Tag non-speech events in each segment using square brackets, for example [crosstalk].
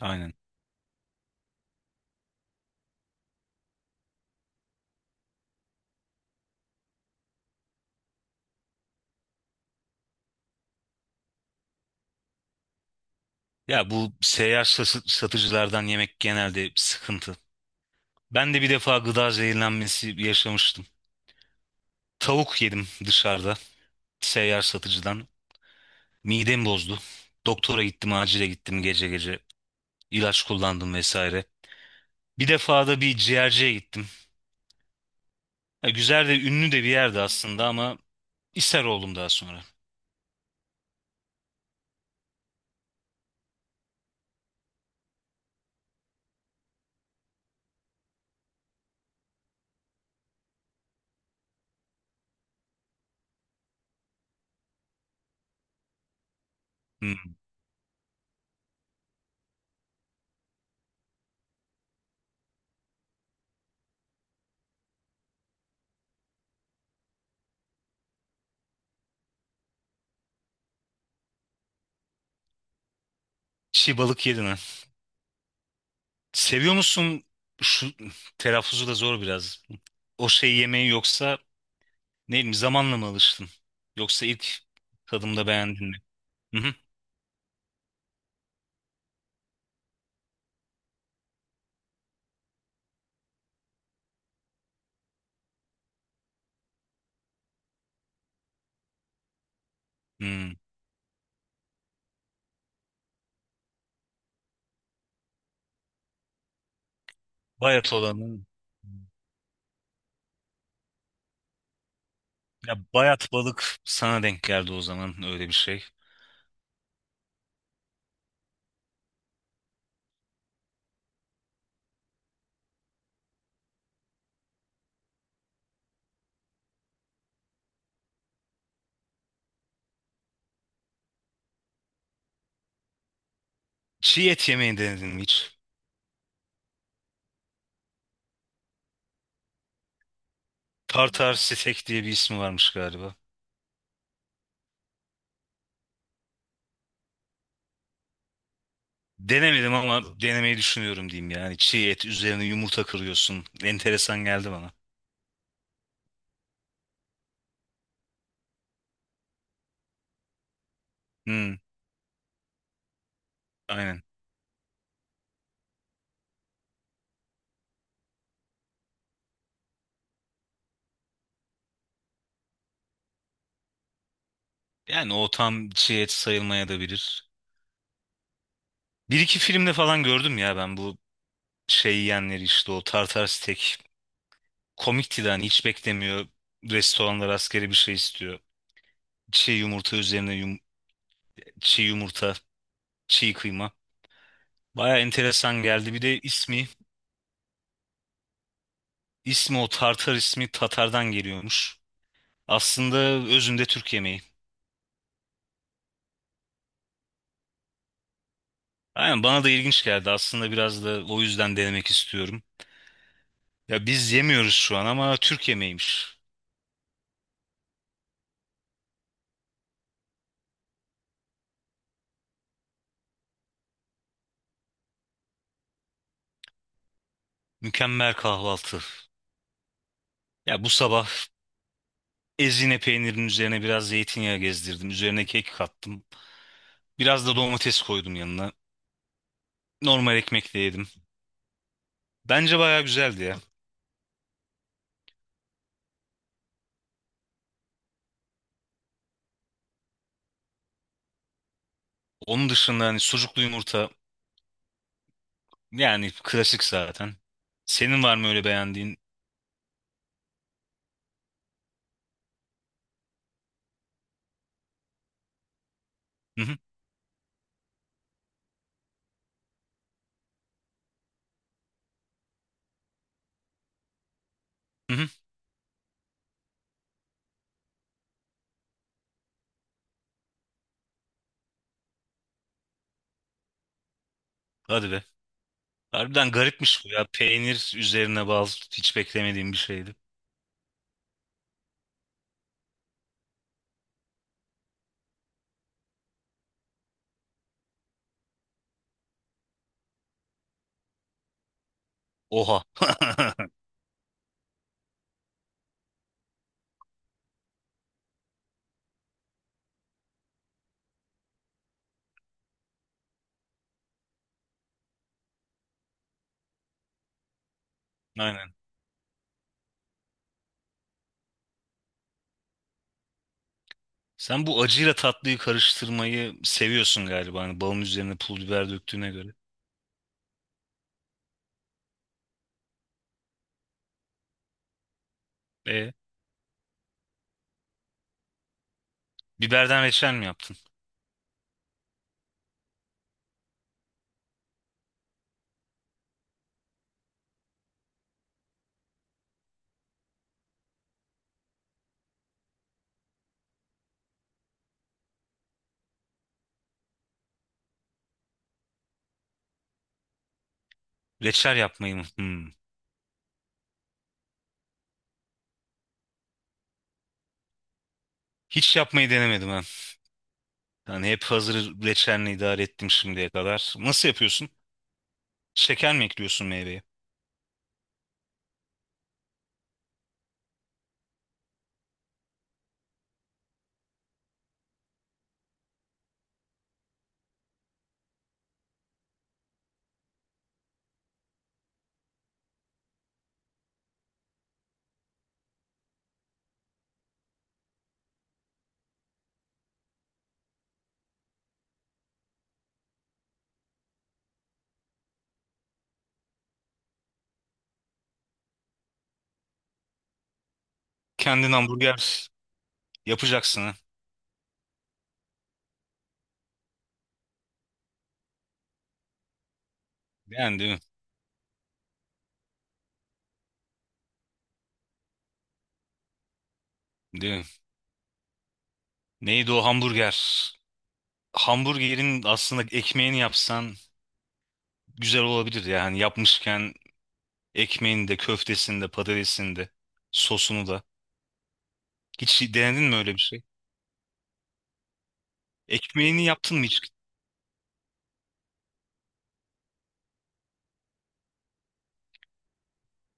Aynen. Ya bu seyyar satıcılardan yemek genelde sıkıntı. Ben de bir defa gıda zehirlenmesi yaşamıştım. Tavuk yedim dışarıda seyyar satıcıdan. Midem bozdu. Doktora gittim, acile gittim gece gece. İlaç kullandım vesaire. Bir defa da bir ciğerciye gittim. Ya güzel de ünlü de bir yerdi aslında ama ishal oldum daha sonra. Hmm. Çiğ balık yedin ha. Seviyor musun şu telaffuzu da zor biraz. O şey yemeği yoksa değil mi? Zamanla mı alıştın? Yoksa ilk tadımda beğendin mi? Hı hı. Hmm. Bayat olanı. Ya bayat balık sana denk geldi o zaman öyle bir şey. Çiğ et yemeği denedin mi hiç? Tartar steak diye bir ismi varmış galiba. Denemedim ama denemeyi düşünüyorum diyeyim yani. Çiğ et üzerine yumurta kırıyorsun. Enteresan geldi bana. Hmm, aynen. Yani o tam çiğ et sayılmaya da bilir. Bir iki filmde falan gördüm ya ben bu şey yiyenleri işte o tartar steak komikti de hani hiç beklemiyor. Restoranlar askeri bir şey istiyor. Çiğ yumurta üzerine çiğ yumurta, çiğ kıyma. Baya enteresan geldi. Bir de ismi o Tartar ismi Tatar'dan geliyormuş. Aslında özünde Türk yemeği. Aynen bana da ilginç geldi. Aslında biraz da o yüzden denemek istiyorum. Ya biz yemiyoruz şu an ama Türk yemeğiymiş. Mükemmel kahvaltı. Ya bu sabah ezine peynirinin üzerine biraz zeytinyağı gezdirdim. Üzerine kek kattım. Biraz da domates koydum yanına. Normal ekmekle yedim. Bence bayağı güzeldi ya. Onun dışında hani sucuklu yumurta yani klasik zaten. Senin var mı öyle beğendiğin? Hı hı, hı hı. Hadi be. Harbiden garipmiş bu ya. Peynir üzerine bal hiç beklemediğim bir şeydi. Oha. [laughs] Aynen. Sen bu acıyla tatlıyı karıştırmayı seviyorsun galiba. Hani balın üzerine pul biber döktüğüne göre. E, biberden reçel mi yaptın? Reçel yapmayı mı? Hmm. Hiç yapmayı denemedim ben. Yani hep hazır reçelini idare ettim şimdiye kadar. Nasıl yapıyorsun? Şeker mi ekliyorsun meyveye? Kendin hamburger yapacaksın ha. Yani değil mi? Değil mi? Neydi o hamburger? Hamburgerin aslında ekmeğini yapsan güzel olabilir yani yapmışken ekmeğini de köftesini de patatesini de sosunu da. Hiç denedin mi öyle bir şey? Ekmeğini yaptın mı hiç?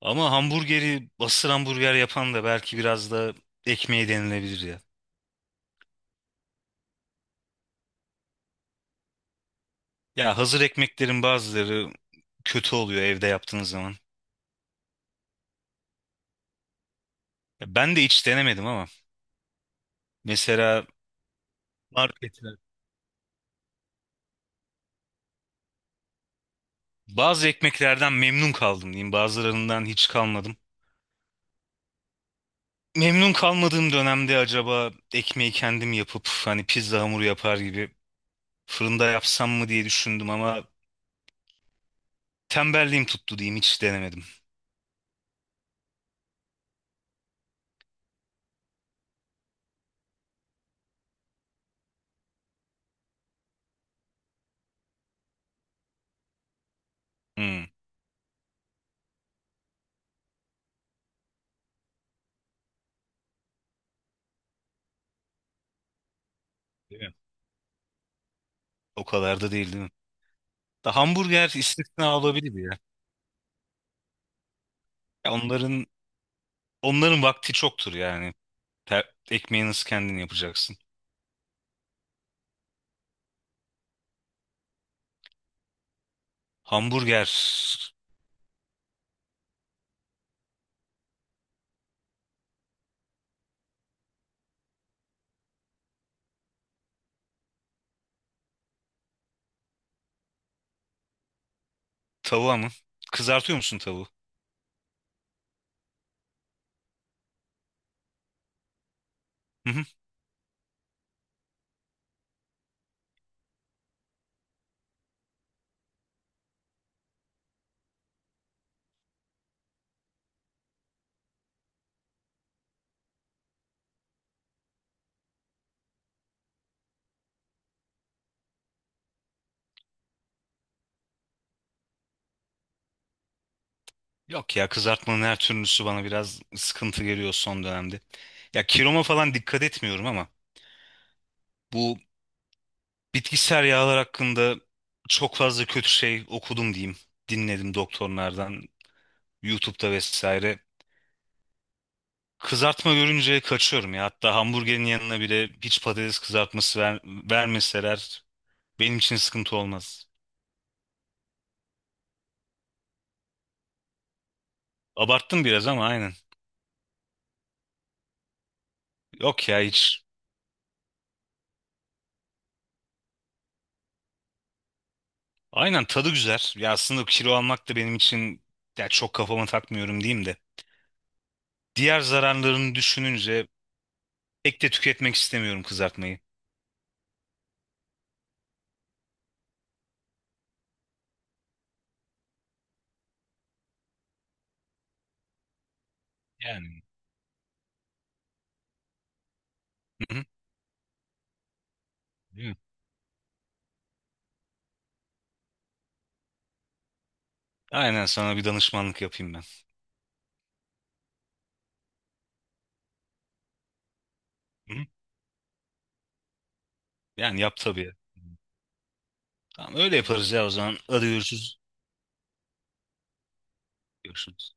Ama hamburgeri asır hamburger yapan da belki biraz da ekmeği denilebilir ya. Ya hazır ekmeklerin bazıları kötü oluyor evde yaptığınız zaman. Ya ben de hiç denemedim ama mesela marketler. Bazı ekmeklerden memnun kaldım diyeyim. Bazılarından hiç kalmadım. Memnun kalmadığım dönemde acaba ekmeği kendim yapıp hani pizza hamuru yapar gibi fırında yapsam mı diye düşündüm ama tembelliğim tuttu diyeyim hiç denemedim. Hmm, değil mi? O kadar da değil değil mi? Da hamburger istisna olabilir ya. Ya onların vakti çoktur yani. Ekmeği nasıl kendin yapacaksın? Hamburger tavuğa mı? Kızartıyor musun tavuğu? [laughs] Yok ya kızartmanın her türlüsü bana biraz sıkıntı geliyor son dönemde. Ya kiloma falan dikkat etmiyorum ama bu bitkisel yağlar hakkında çok fazla kötü şey okudum diyeyim. Dinledim doktorlardan, YouTube'da vesaire. Kızartma görünce kaçıyorum ya. Hatta hamburgerin yanına bile hiç patates kızartması vermeseler benim için sıkıntı olmaz. Abarttım biraz ama aynen. Yok ya hiç. Aynen tadı güzel. Ya aslında kilo almak da benim için ya çok kafama takmıyorum diyeyim de. Diğer zararlarını düşününce pek de tüketmek istemiyorum kızartmayı. Yani. Hı hı. Değil mi? Aynen sana bir danışmanlık yapayım ben. Hı hı. Yani yap tabii. Tamam öyle yaparız ya o zaman. Hadi görüşürüz. Görüşürüz.